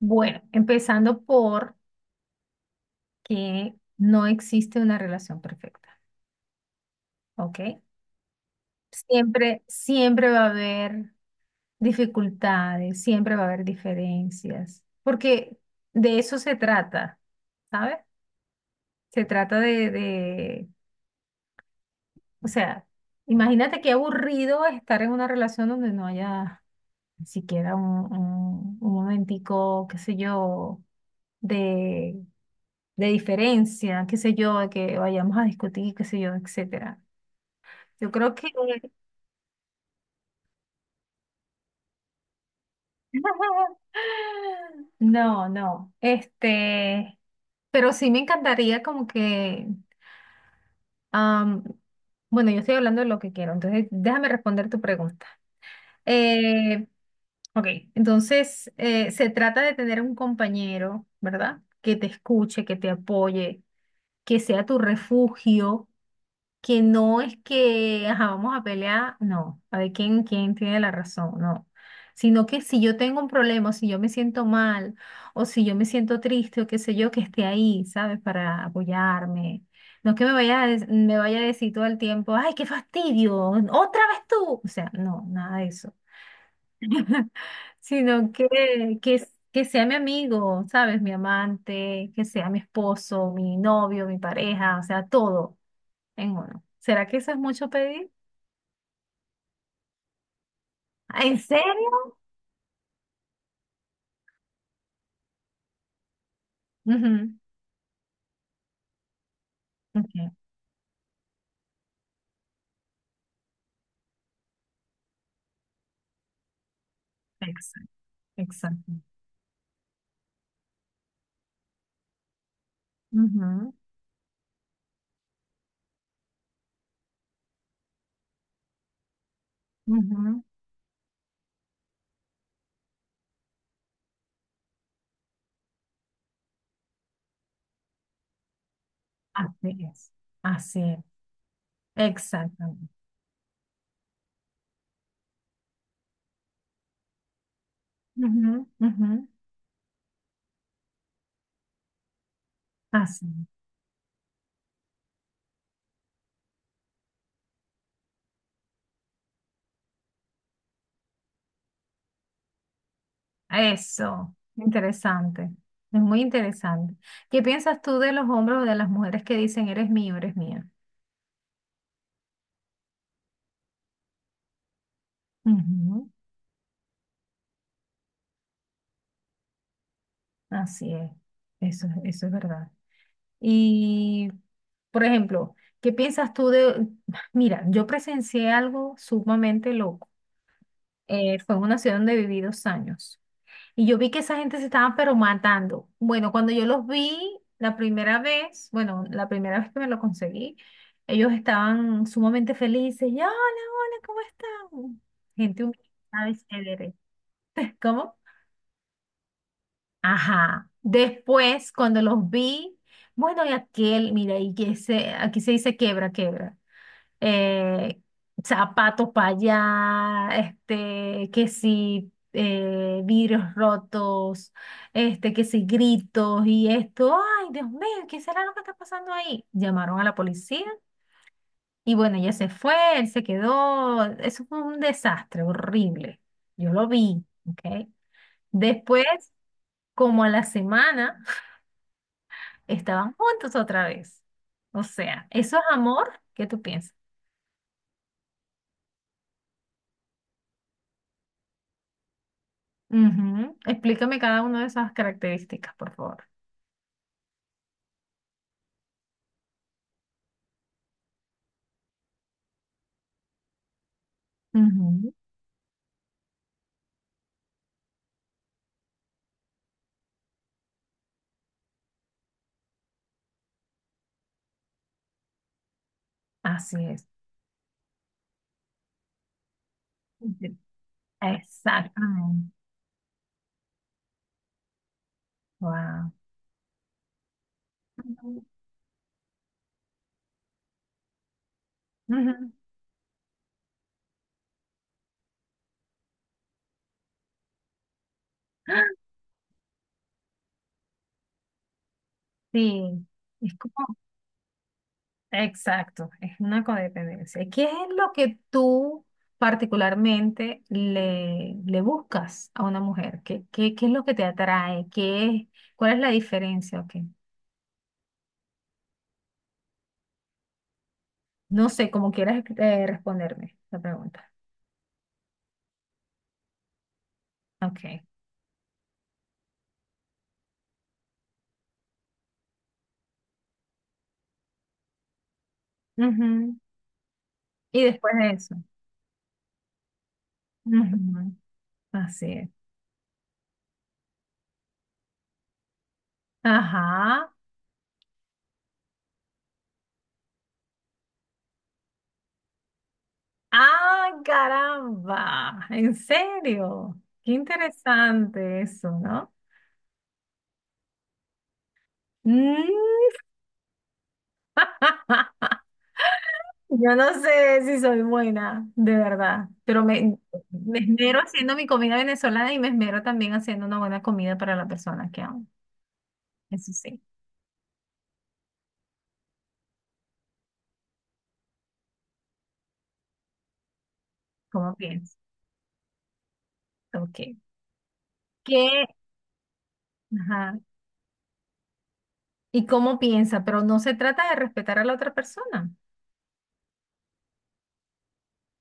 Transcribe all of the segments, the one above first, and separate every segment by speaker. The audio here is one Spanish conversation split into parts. Speaker 1: Bueno, empezando por que no existe una relación perfecta, ¿ok? Siempre va a haber dificultades, siempre va a haber diferencias, porque de eso se trata, ¿sabes? Se trata de, o sea, imagínate qué aburrido estar en una relación donde no haya ni siquiera un momentico, qué sé yo, de diferencia, qué sé yo, de que vayamos a discutir, qué sé yo, etcétera. Yo creo que no, no. Este, pero sí me encantaría como que am, bueno, yo estoy hablando de lo que quiero, entonces déjame responder tu pregunta. Eh, ok, entonces se trata de tener un compañero, ¿verdad? Que te escuche, que te apoye, que sea tu refugio que no es que, ajá, vamos a pelear, no, a ver quién tiene la razón, no. Sino que si yo tengo un problema, o si yo me siento mal, o si yo me siento triste, o qué sé yo, que esté ahí, ¿sabes? Para apoyarme. No es que me vaya a, me vaya a decir todo el tiempo, ay, qué fastidio, otra vez tú. O sea, no, nada de eso. Sino que que sea mi amigo, ¿sabes? Mi amante, que sea mi esposo, mi novio, mi pareja, o sea, todo en uno. ¿Será que eso es mucho pedir? Ah, ¿en serio? Ujú, ujú, exacto, exacto. Ujú, ujú, así es, así es, exactamente. Ujú, ujú, así es. Eso, interesante, es muy interesante. ¿Qué piensas tú de los hombres o de las mujeres que dicen eres mío, eres mía? Ujú, así es, eso, eso es verdad. Y, por ejemplo, ¿qué piensas tú de... Mira, yo presencié algo sumamente loco. Fue en una ciudad donde viví dos años. Y yo vi que esa gente se estaba pero matando. Bueno, cuando yo los vi la primera vez, bueno, la primera vez que me lo conseguí, ellos estaban sumamente felices. Y, hola, hola, ¿cómo están? Gente humilde, ¿sabes? Chévere. ¿Cómo? Ajá. Después, cuando los vi, bueno, y aquel, mira, y que se, aquí se dice quebra, quebra eh, zapatos para allá, este, que si vidrios rotos, este, que si gritos y esto, ay, Dios mío, ¿qué será lo que está pasando ahí? Llamaron a la policía y bueno, ella se fue, él se quedó, eso fue un desastre horrible, yo lo vi, ¿ok? Después, como a la semana, estaban juntos otra vez. O sea, ¿eso es amor? ¿Qué tú piensas? Ujú. Explícame cada una de esas características, por favor. Ujú. Así es. Ujú. Exactamente. Wow. Ujú. Ujú. Sí, es como, exacto, es una codependencia. ¿Qué es lo que tú particularmente le buscas a una mujer? ¿Qué, qué es lo que te atrae? ¿Qué es, cuál es la diferencia? Ok. No sé, como quieras responderme la pregunta. Ok. Ujú. Y después de eso. Ujú, así es. Ajá. ¡Ah, caramba! ¿En serio? Qué interesante eso, ¿no? Mm. Yo no sé si soy buena, de verdad, pero me esmero haciendo mi comida venezolana y me esmero también haciendo una buena comida para la persona que amo. Eso sí, ¿cómo piensa? Ok. ¿Qué? Ajá. ¿Y cómo piensa? Pero no se trata de respetar a la otra persona.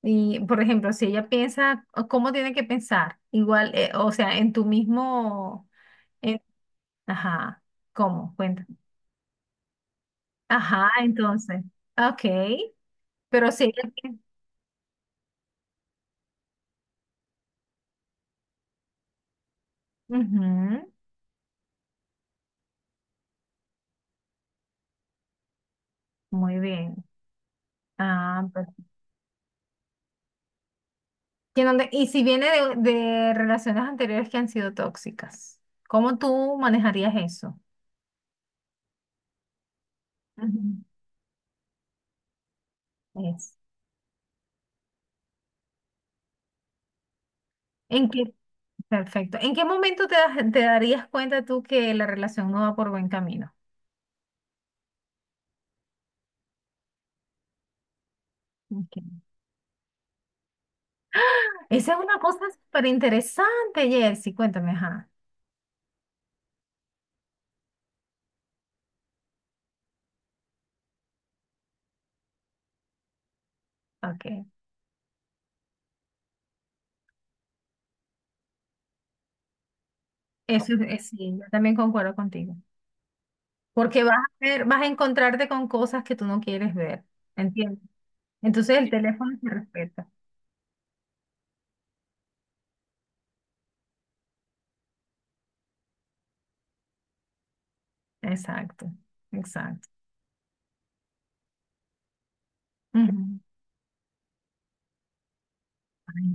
Speaker 1: Y, por ejemplo, si ella piensa, o ¿cómo tiene que pensar? Igual, o sea, en tu mismo, en- ajá, ¿cómo? Cuenta. Ajá, entonces, ok, pero si ella piensa, muy bien. Ah, ¿Y y si viene de relaciones anteriores que han sido tóxicas, ¿cómo tú manejarías eso? Ujú. Es. ¿En qué, perfecto. ¿En qué momento te darías cuenta tú que la relación no va por buen camino? Ok. Esa es una cosa súper interesante, Jersey. Cuéntame, ajá. Ok. Eso es, sí, yo también concuerdo contigo. Porque vas a ver, vas a encontrarte con cosas que tú no quieres ver. ¿Entiendes? Entonces el teléfono se respeta. Exacto, exacto. Ujú. Ay,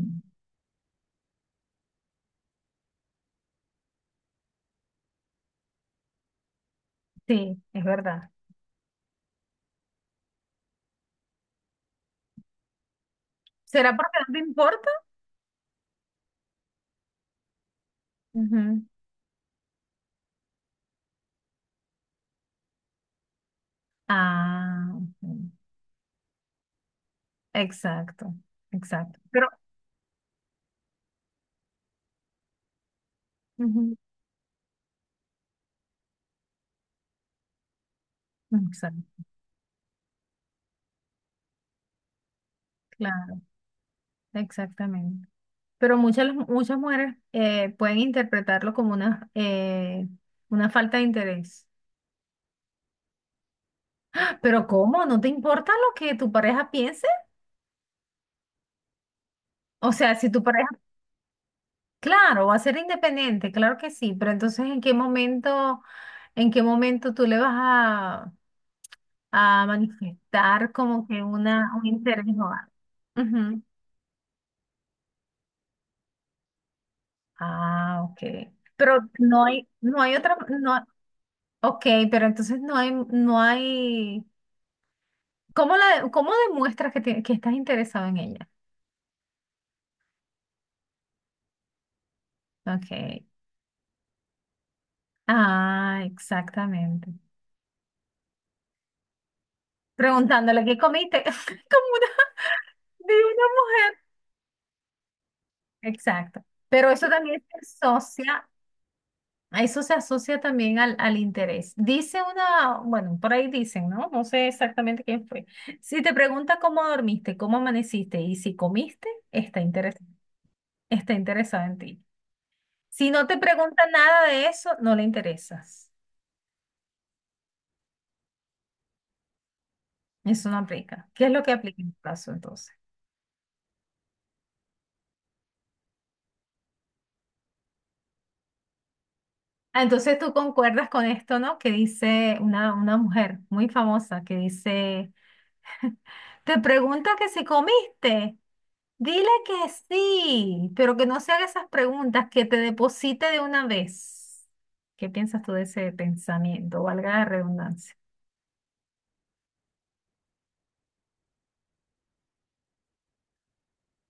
Speaker 1: sí, es verdad. ¿Será porque no te importa? Ujú. Ah, ok. Exacto, exacto. Pero, ujú, exacto, claro, exactamente. Pero muchas, muchas mujeres pueden interpretarlo como una falta de interés. Pero ¿cómo? ¿No te importa lo que tu pareja piense? O sea, si tu pareja, claro, va a ser independiente, claro que sí, pero entonces en qué momento tú le vas a, manifestar como que un interés o algo? Ujú. Ah, ok. Pero no hay otra, no, ok, pero entonces no hay. ¿Cómo cómo demuestras que, que estás interesado en ella? Ok. Ah, exactamente. Preguntándole qué comiste. Como de una mujer. Exacto. Pero eso también se asocia, a eso se asocia también al interés. Dice una, bueno, por ahí dicen, ¿no? No sé exactamente quién fue. Si te pregunta cómo dormiste, cómo amaneciste y si comiste, está interesado en ti. Si no te pregunta nada de eso, no le interesas. Eso no aplica. ¿Qué es lo que aplica en tu caso entonces? Ah, entonces tú concuerdas con esto, ¿no? Que dice una mujer muy famosa que dice, te pregunta que si comiste, dile que sí, pero que no se haga esas preguntas, que te deposite de una vez. ¿Qué piensas tú de ese pensamiento? Valga la redundancia.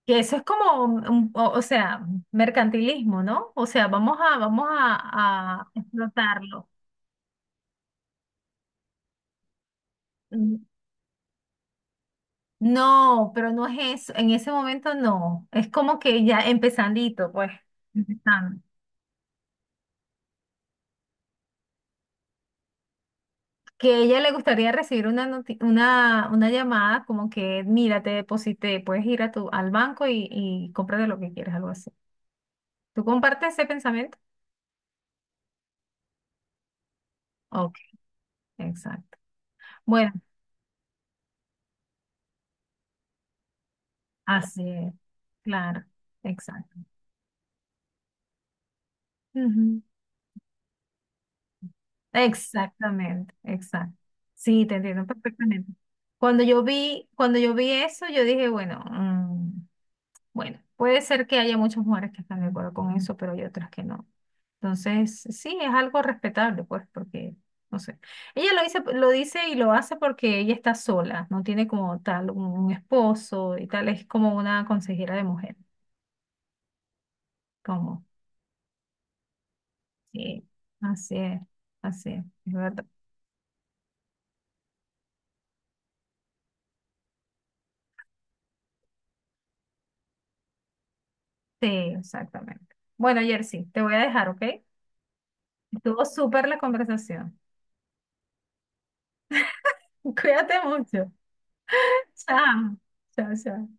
Speaker 1: Que eso es como, o sea, mercantilismo, ¿no? O sea, vamos a explotarlo. No, pero no es eso. En ese momento no. Es como que ya empezandito, pues. Empezando. Que a ella le gustaría recibir una llamada como que, mira, te deposité, puedes ir a tu, al banco y, cómprate lo que quieras, algo así. ¿Tú compartes ese pensamiento? Ok, exacto. Bueno, así es. Claro, exacto. Ujú. Exactamente, exacto. Sí, te entiendo perfectamente. Cuando yo vi eso, yo dije, bueno, bueno, puede ser que haya muchas mujeres que están de acuerdo con eso, pero hay otras que no. Entonces, sí, es algo respetable, pues, porque, no sé. Ella lo dice y lo hace porque ella está sola, no tiene como tal un esposo y tal, es como una consejera de mujer, como, sí, así es, así es verdad. Sí, exactamente. Bueno, Jersey, te voy a dejar, ¿ok? Estuvo súper la conversación. Cuídate mucho. Chao, chao, chao.